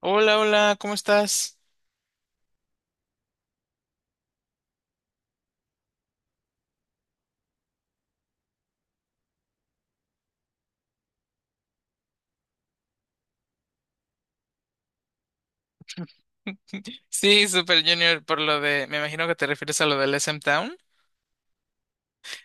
Hola, hola, ¿cómo estás? Sí, Super Junior, por lo de, me imagino que te refieres a lo del SM Town.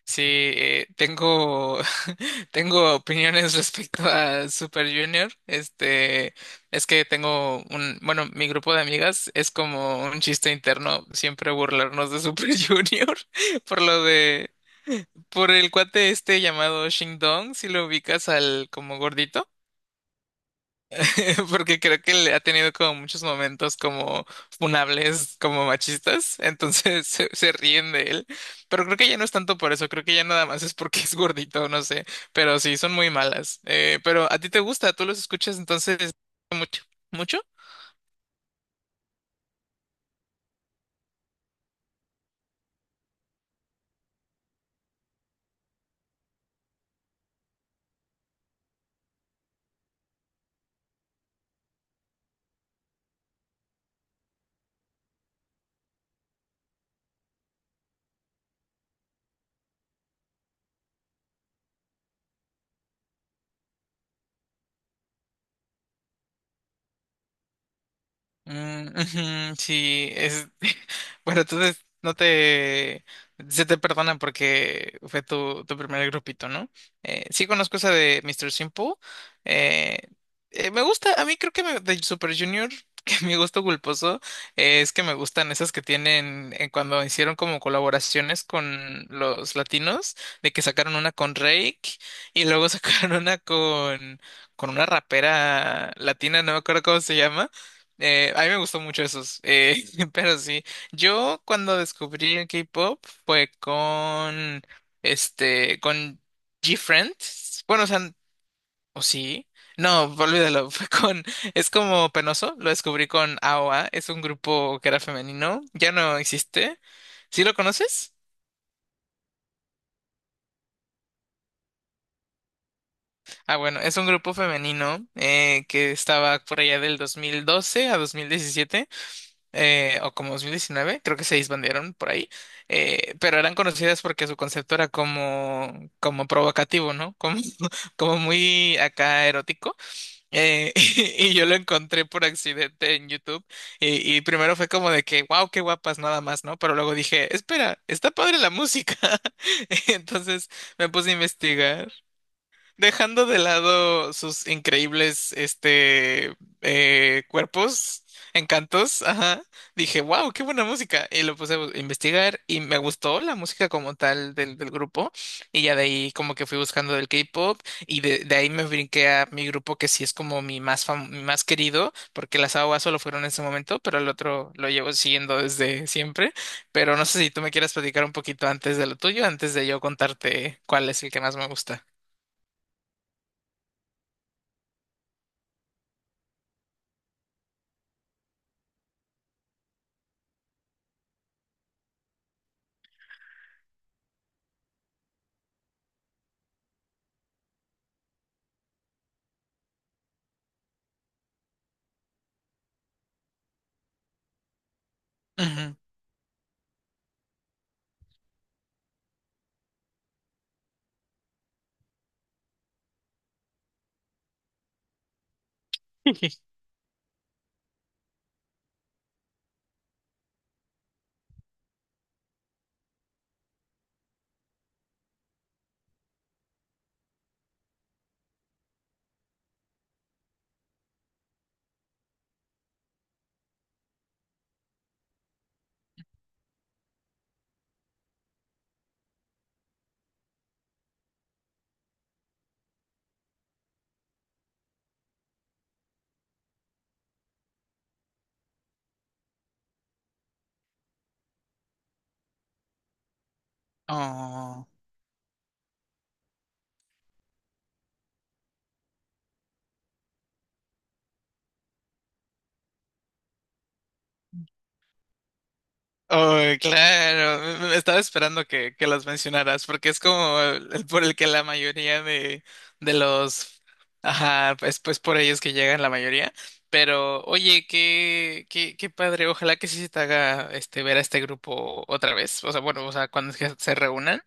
Sí, tengo, tengo opiniones respecto a Super Junior. Es que tengo un, bueno, mi grupo de amigas es como un chiste interno siempre burlarnos de Super Junior por lo de, por el cuate este llamado Shing Dong, si lo ubicas al como gordito. Porque creo que le ha tenido como muchos momentos como funables, como machistas, entonces se ríen de él, pero creo que ya no es tanto por eso, creo que ya nada más es porque es gordito, no sé, pero sí, son muy malas. Pero a ti te gusta, tú los escuchas entonces mucho, mucho. Mm, ujú, sí, es bueno, entonces no te se te perdona porque fue tu primer grupito, ¿no? Sí conozco esa de Mister Simple. eh, Me gusta, a mí creo que me- de Super Junior, que mi gusto culposo es que me gustan esas que tienen cuando hicieron como colaboraciones con los latinos, de que sacaron una con Rake y luego sacaron una con una rapera latina, no me acuerdo cómo se llama. A mí me gustó mucho esos, pero sí, yo cuando descubrí el K-pop fue con G-Friends, bueno, o sea, o sí, no, olvídalo, fue con, es como penoso, lo descubrí con AOA, es un grupo que era femenino, ya no existe. ¿Sí lo conoces? Ah, bueno, es un grupo femenino que estaba por allá del 2012 a 2017, o como 2019 creo que se disbandieron por ahí. Pero eran conocidas porque su concepto era como, como provocativo, ¿no? Como, como muy acá erótico. eh, y yo lo encontré por accidente en YouTube, y primero fue como de que, wow, qué guapas, nada más, ¿no? Pero luego dije, espera, está padre la música. Entonces me puse a investigar. Dejando de lado sus increíbles cuerpos, encantos, ajá, dije, wow, qué buena música. Y lo puse a bu- investigar y me gustó la música como tal del, del grupo. Y ya de ahí como que fui buscando del K-pop y de ahí me brinqué a mi grupo que sí es como mi más fam- mi más querido, porque las AOA solo fueron en ese momento, pero el otro lo llevo siguiendo desde siempre. Pero no sé si tú me quieras platicar un poquito antes de lo tuyo, antes de yo contarte cuál es el que más me gusta. Oh, oh, claro, me estaba esperando que los mencionaras, porque es como el por el que la mayoría de los, ajá, pues, pues por ellos que llegan la mayoría. Pero, oye, qué, qué, qué padre, ojalá que sí se te haga este ver a este grupo otra vez. O sea, bueno, o sea, cuando es que se reúnan.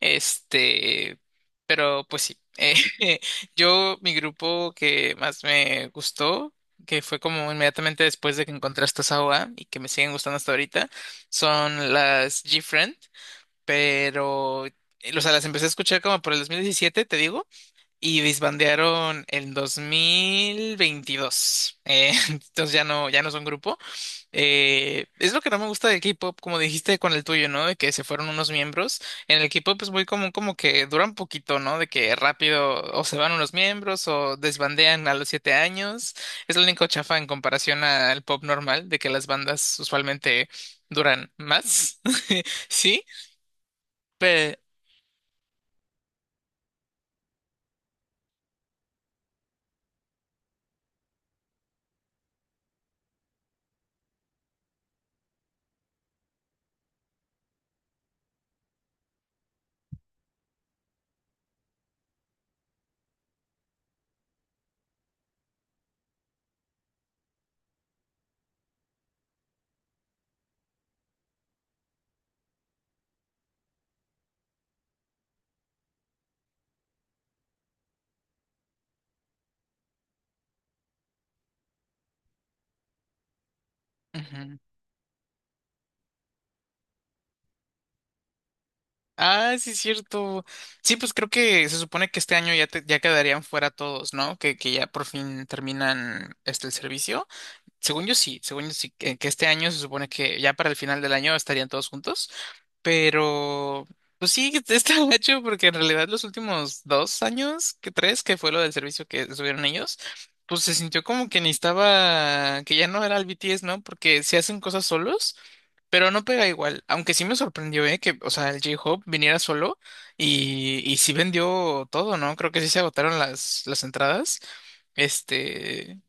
Este, pero pues sí. Yo, mi grupo que más me gustó, que fue como inmediatamente después de que encontré esta Sawa y que me siguen gustando hasta ahorita, son las G-Friend, pero, o sea, las empecé a escuchar como por el 2017 te digo, y disbandearon en 2022. Entonces ya no, ya no son grupo. Es lo que no me gusta del K-pop, como dijiste con el tuyo, ¿no? De que se fueron unos miembros. En el K-pop es muy común como que duran poquito, ¿no? De que rápido o se van unos miembros o desbandean a los 7 años. Es lo único chafa en comparación al pop normal, de que las bandas usualmente duran más. Sí, pero... Ujú. Ah, sí, es cierto. Sí, pues creo que se supone que este año ya, te- ya quedarían fuera todos, ¿no? Que ya por fin terminan este el servicio. Según yo sí, que este año se supone que ya para el final del año estarían todos juntos, pero pues sí, está hecho porque en realidad los últimos dos años, que tres, que fue lo del servicio que subieron ellos, pues se sintió como que necesitaba, que ya no era el BTS, ¿no? Porque se hacen cosas solos, pero no pega igual, aunque sí me sorprendió, ¿eh? Que, o sea, el J-Hope viniera solo y sí vendió todo, ¿no? Creo que sí se agotaron las entradas. Este,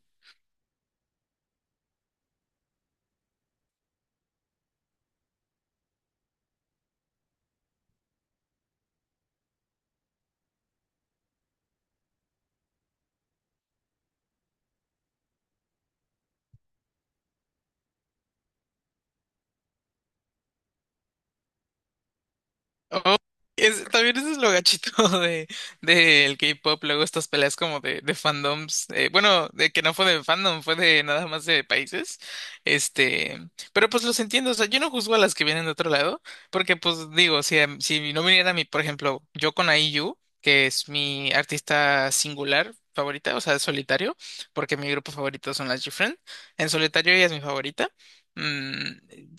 Oh, es, también ese es lo gachito de del K-pop, luego estas peleas como de fandoms, bueno, de que no fue de fandom, fue de nada más de países. este, pero pues los entiendo, o sea, yo no juzgo a las que vienen de otro lado, porque pues digo, si, a- si no viniera mi, por ejemplo, yo con IU, que es mi artista singular favorita, o sea, solitario, porque mi grupo favorito son las GFriend, en solitario ella es mi favorita, mm,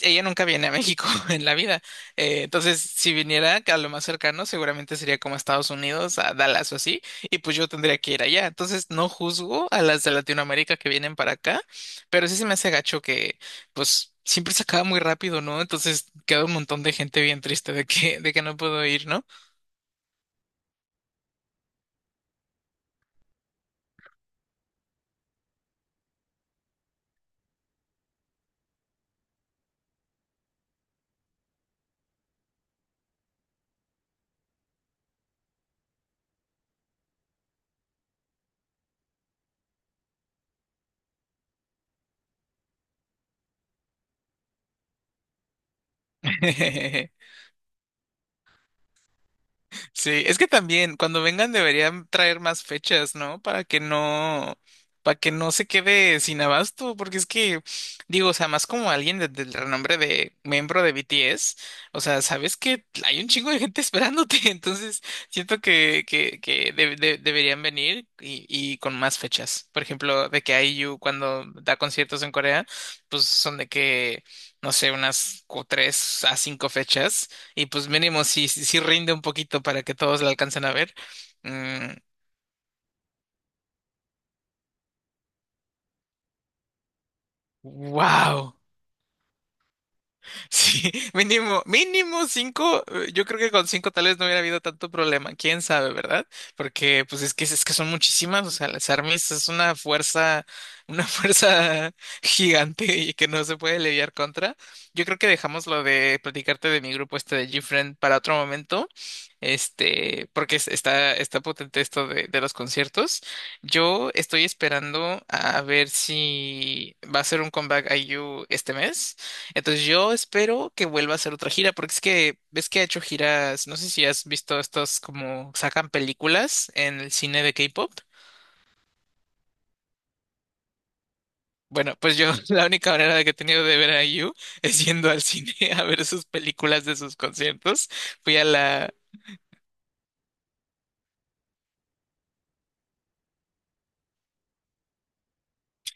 ella nunca viene a México en la vida. Entonces, si viniera a lo más cercano, seguramente sería como a Estados Unidos, a Dallas o así, y pues yo tendría que ir allá. Entonces, no juzgo a las de Latinoamérica que vienen para acá, pero sí se me hace gacho que, pues, siempre se acaba muy rápido, ¿no? Entonces, queda un montón de gente bien triste de que no puedo ir, ¿no? Sí, es que también cuando vengan deberían traer más fechas, ¿no? Para que no, para que no se quede sin abasto, porque es que, digo, o sea, más como alguien de- del renombre de miembro de BTS, o sea, sabes que hay un chingo de gente esperándote, entonces siento que de- deberían venir y con más fechas. Por ejemplo, de que IU cuando da conciertos en Corea, pues son de que, no sé, unas cu- tres a cinco fechas y pues mínimo, si, si, si rinde un poquito para que todos la alcancen a ver. Mm, wow. Sí, mínimo, mínimo cinco. Yo creo que con cinco tal vez no hubiera habido tanto problema. Quién sabe, ¿verdad? Porque pues es que son muchísimas. O sea, las armies es una fuerza, una fuerza gigante y que no se puede lidiar contra. Yo creo que dejamos lo de platicarte de mi grupo este de GFriend para otro momento. Porque es- está, está potente esto de los conciertos. Yo estoy esperando a ver si va a ser un comeback IU este mes. Entonces yo espero que vuelva a hacer otra gira, porque es que ves que ha hecho giras, no sé si has visto estos como sacan películas en el cine de K-pop. Bueno, pues yo la única manera de que he tenido de ver a IU es yendo al cine a ver sus películas de sus conciertos. Fui a la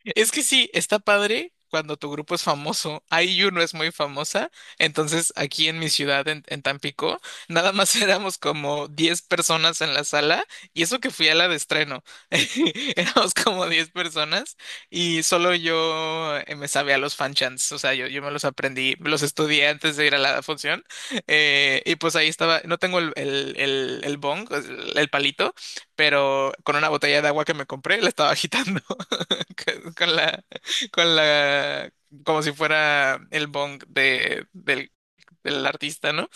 Es que sí, está padre cuando tu grupo es famoso. IU no es muy famosa, entonces aquí en mi ciudad, en Tampico, nada más éramos como 10 personas en la sala, y eso que fui a la de estreno, éramos como 10 personas y solo yo me sabía los fan chants, o sea, yo me los aprendí, me los estudié antes de ir a la función, y pues ahí estaba, no tengo el bong, el palito, pero con una botella de agua que me compré, la estaba agitando. Con la, con la, como si fuera el bong de, del, del artista, ¿no?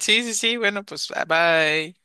Sí, sí, sí, bueno, pues ah, bye.